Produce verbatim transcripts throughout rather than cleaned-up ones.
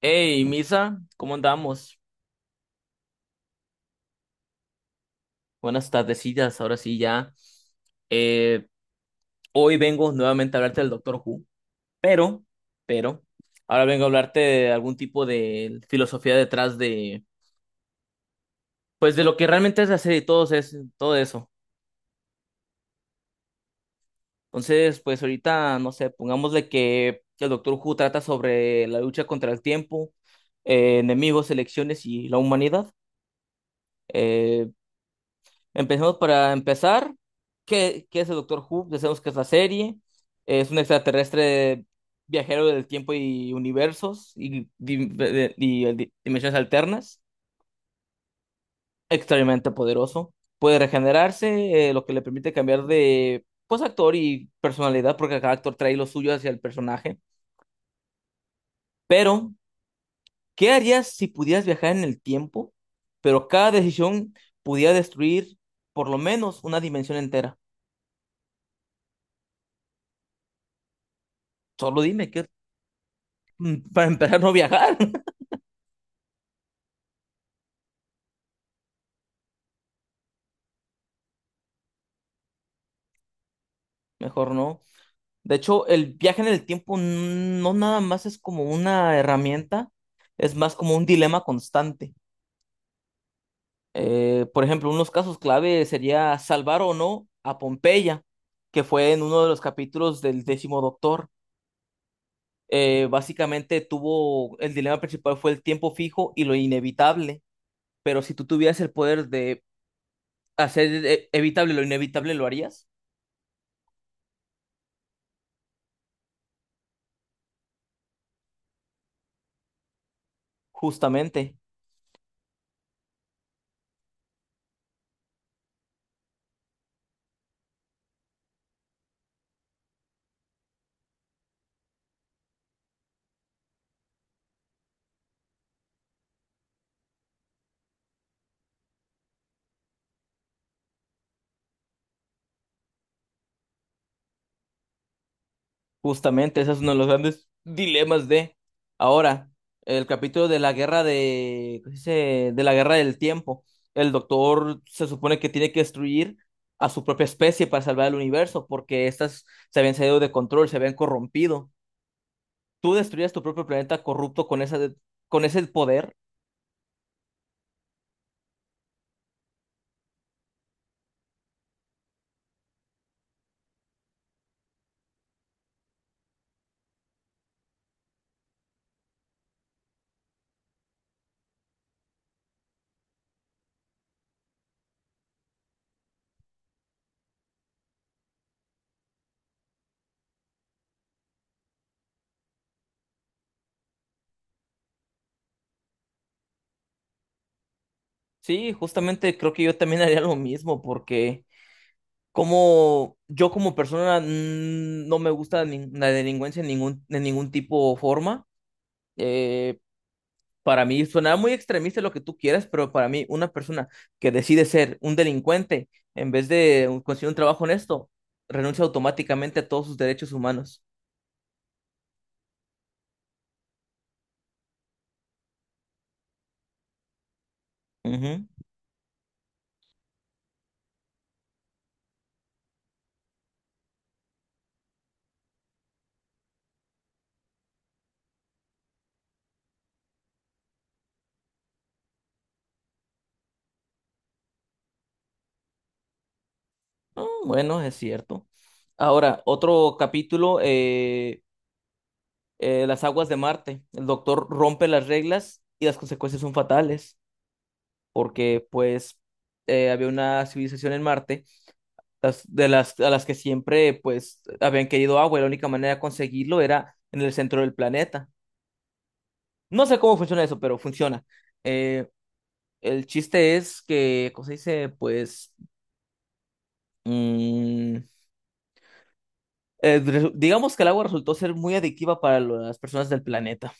Hey, Misa, ¿cómo andamos? Buenas tardecillas, ahora sí ya. Eh, Hoy vengo nuevamente a hablarte del Doctor Who, pero, pero, ahora vengo a hablarte de algún tipo de filosofía detrás de, pues, de lo que realmente es la serie y todo, es, todo eso. Entonces, pues ahorita, no sé, pongámosle que el Doctor Who trata sobre la lucha contra el tiempo, eh, enemigos, elecciones y la humanidad. Eh, Empecemos para empezar. ¿Qué, qué es el Doctor Who? Ya sabemos que es la serie. Es un extraterrestre viajero del tiempo y universos y, di- de- y di- dimensiones alternas. Extremadamente poderoso. Puede regenerarse, eh, lo que le permite cambiar de pues, actor y personalidad, porque cada actor trae lo suyo hacia el personaje. Pero, ¿qué harías si pudieras viajar en el tiempo, pero cada decisión pudiera destruir por lo menos una dimensión entera? Solo dime. Mm, para empezar no viajar, mejor no. De hecho, el viaje en el tiempo no nada más es como una herramienta, es más como un dilema constante. Eh, por ejemplo, unos casos clave sería salvar o no a Pompeya, que fue en uno de los capítulos del décimo doctor. Eh, básicamente tuvo, el dilema principal fue el tiempo fijo y lo inevitable, pero si tú tuvieras el poder de hacer eh, evitable lo inevitable, ¿lo harías? Justamente. Justamente, ese es uno de los grandes dilemas de ahora, el capítulo de la guerra de, ¿cómo se dice? De la guerra del tiempo. El doctor se supone que tiene que destruir a su propia especie para salvar el universo, porque estas se habían salido de control, se habían corrompido. Tú destruyes tu propio planeta corrupto con esa, con ese poder. Sí, justamente creo que yo también haría lo mismo, porque como yo como persona mm, no me gusta ni- la delincuencia en ningún, de ningún tipo o forma. eh, Para mí suena muy extremista lo que tú quieras, pero para mí una persona que decide ser un delincuente en vez de conseguir un trabajo honesto, renuncia automáticamente a todos sus derechos humanos. Ujú. Mm, bueno, es cierto. Ahora, otro capítulo, eh, eh, las aguas de Marte. El doctor rompe las reglas y las consecuencias son fatales, porque pues eh, había una civilización en Marte las, de las, a las que siempre pues habían querido agua y la única manera de conseguirlo era en el centro del planeta. No sé cómo funciona eso, pero funciona. Eh, el chiste es que, ¿cómo se dice? Pues, mm, eh, re- digamos que el agua resultó ser muy adictiva para lo- las personas del planeta.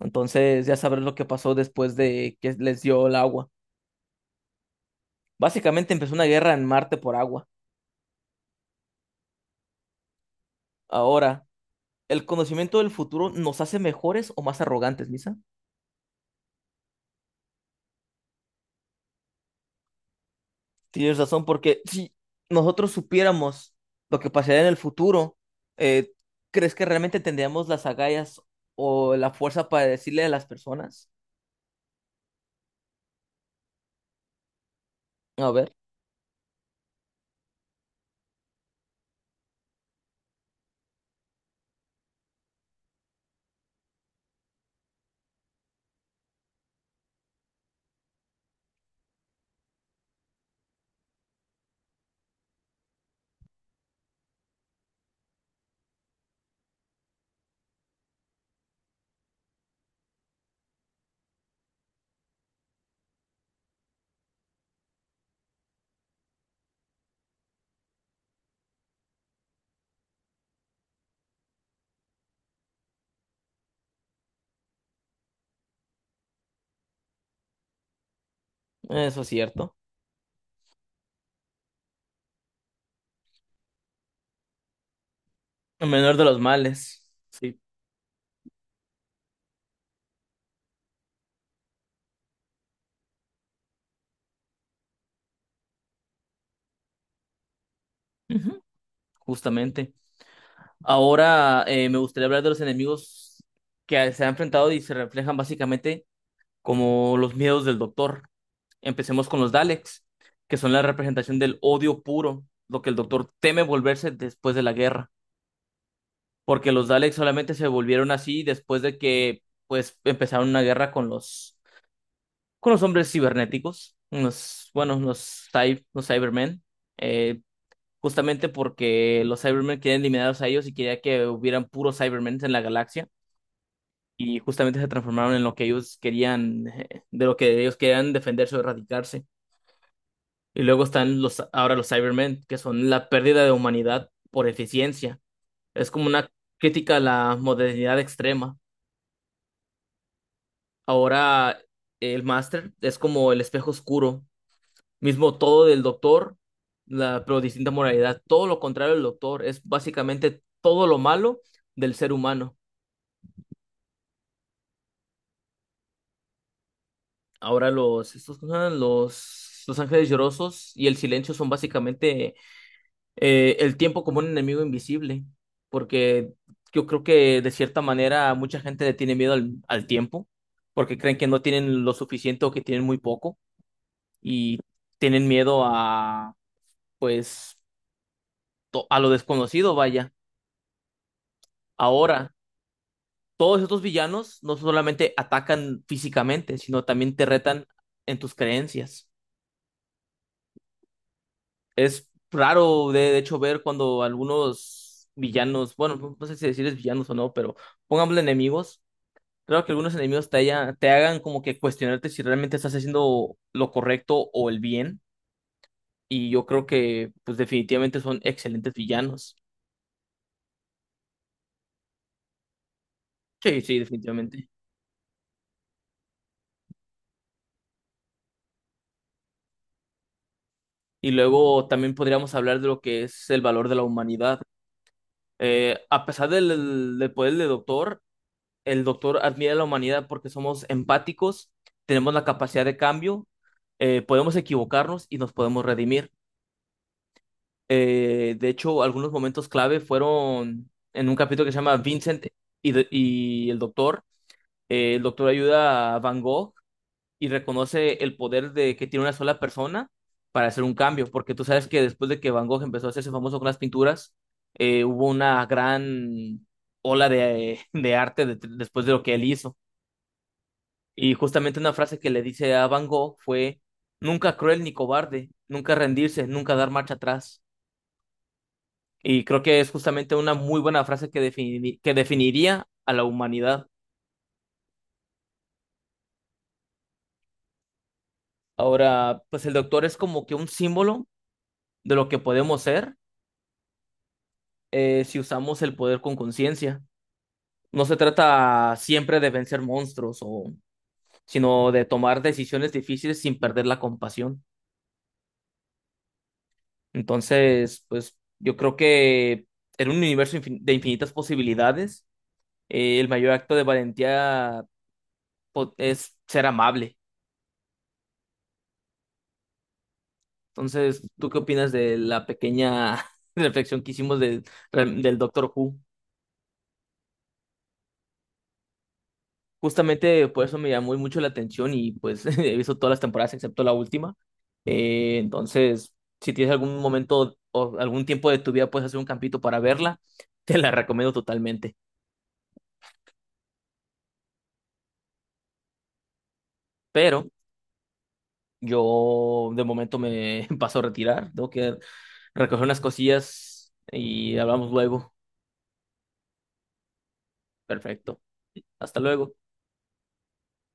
Entonces, ya sabrás lo que pasó después de que les dio el agua. Básicamente empezó una guerra en Marte por agua. Ahora, ¿el conocimiento del futuro nos hace mejores o más arrogantes, Misa? Tienes razón, porque si nosotros supiéramos lo que pasaría en el futuro, eh, ¿crees que realmente tendríamos las agallas o la fuerza para decirle a las personas? A ver, eso es cierto. El menor de los males. Sí, ujú, justamente. Ahora eh, me gustaría hablar de los enemigos que se han enfrentado y se reflejan básicamente como los miedos del doctor. Empecemos con los Daleks, que son la representación del odio puro, lo que el doctor teme volverse después de la guerra. Porque los Daleks solamente se volvieron así después de que pues empezaron una guerra con los con los hombres cibernéticos, los bueno, los cy- los Cybermen, eh, justamente porque los Cybermen querían eliminarlos a ellos y quería que hubieran puros Cybermen en la galaxia y justamente se transformaron en lo que ellos querían eh, de lo que ellos querían defenderse o erradicarse. Y luego están los ahora los Cybermen, que son la pérdida de humanidad por eficiencia. Es como una crítica a la modernidad extrema. Ahora el Master es como el espejo oscuro, mismo todo del Doctor, la, pero distinta moralidad. Todo lo contrario del Doctor, es básicamente todo lo malo del ser humano. Ahora los, estos, ¿cómo se llaman? los, los Ángeles Llorosos y el Silencio son básicamente eh, el tiempo como un enemigo invisible, porque yo creo que de cierta manera mucha gente le tiene miedo al, al tiempo, porque creen que no tienen lo suficiente o que tienen muy poco y tienen miedo a pues to- a lo desconocido, vaya. Ahora, todos estos villanos no solamente atacan físicamente, sino también te retan en tus creencias. Es raro, de, de hecho, ver cuando algunos villanos, bueno, no no sé si decirles villanos o no, pero pongámosle enemigos. Creo que algunos enemigos te, haya- te hagan como que cuestionarte si realmente estás haciendo lo correcto o el bien. Y yo creo que, pues, definitivamente son excelentes villanos. Sí, sí, definitivamente. Y luego también podríamos hablar de lo que es el valor de la humanidad. Eh, a pesar del, del poder del doctor, el doctor admira a la humanidad porque somos empáticos, tenemos la capacidad de cambio, eh, podemos equivocarnos y nos podemos redimir. Eh, de hecho, algunos momentos clave fueron en un capítulo que se llama Vincent y, de- y el doctor. Eh, el doctor ayuda a Van Gogh y reconoce el poder de que tiene una sola persona para hacer un cambio, porque tú sabes que después de que Van Gogh empezó a hacerse famoso con las pinturas, eh, hubo una gran ola de, de arte de- después de lo que él hizo. Y justamente una frase que le dice a Van Gogh fue, nunca cruel ni cobarde, nunca rendirse, nunca dar marcha atrás. Y creo que es justamente una muy buena frase que defini- que definiría a la humanidad. Ahora, pues el doctor es como que un símbolo de lo que podemos ser eh, si usamos el poder con conciencia. No se trata siempre de vencer monstruos, o, sino de tomar decisiones difíciles sin perder la compasión. Entonces, pues yo creo que en un universo infin- de infinitas posibilidades, eh, el mayor acto de valentía po- es ser amable. Entonces, ¿tú qué opinas de la pequeña reflexión que hicimos del del Doctor Who? Justamente por eso me llamó mucho la atención y pues he visto todas las temporadas excepto la última. Eh, entonces, si tienes algún momento o algún tiempo de tu vida, puedes hacer un campito para verla, te la recomiendo totalmente. Pero yo de momento me paso a retirar, tengo que recoger unas cosillas y hablamos luego. Perfecto. Hasta luego.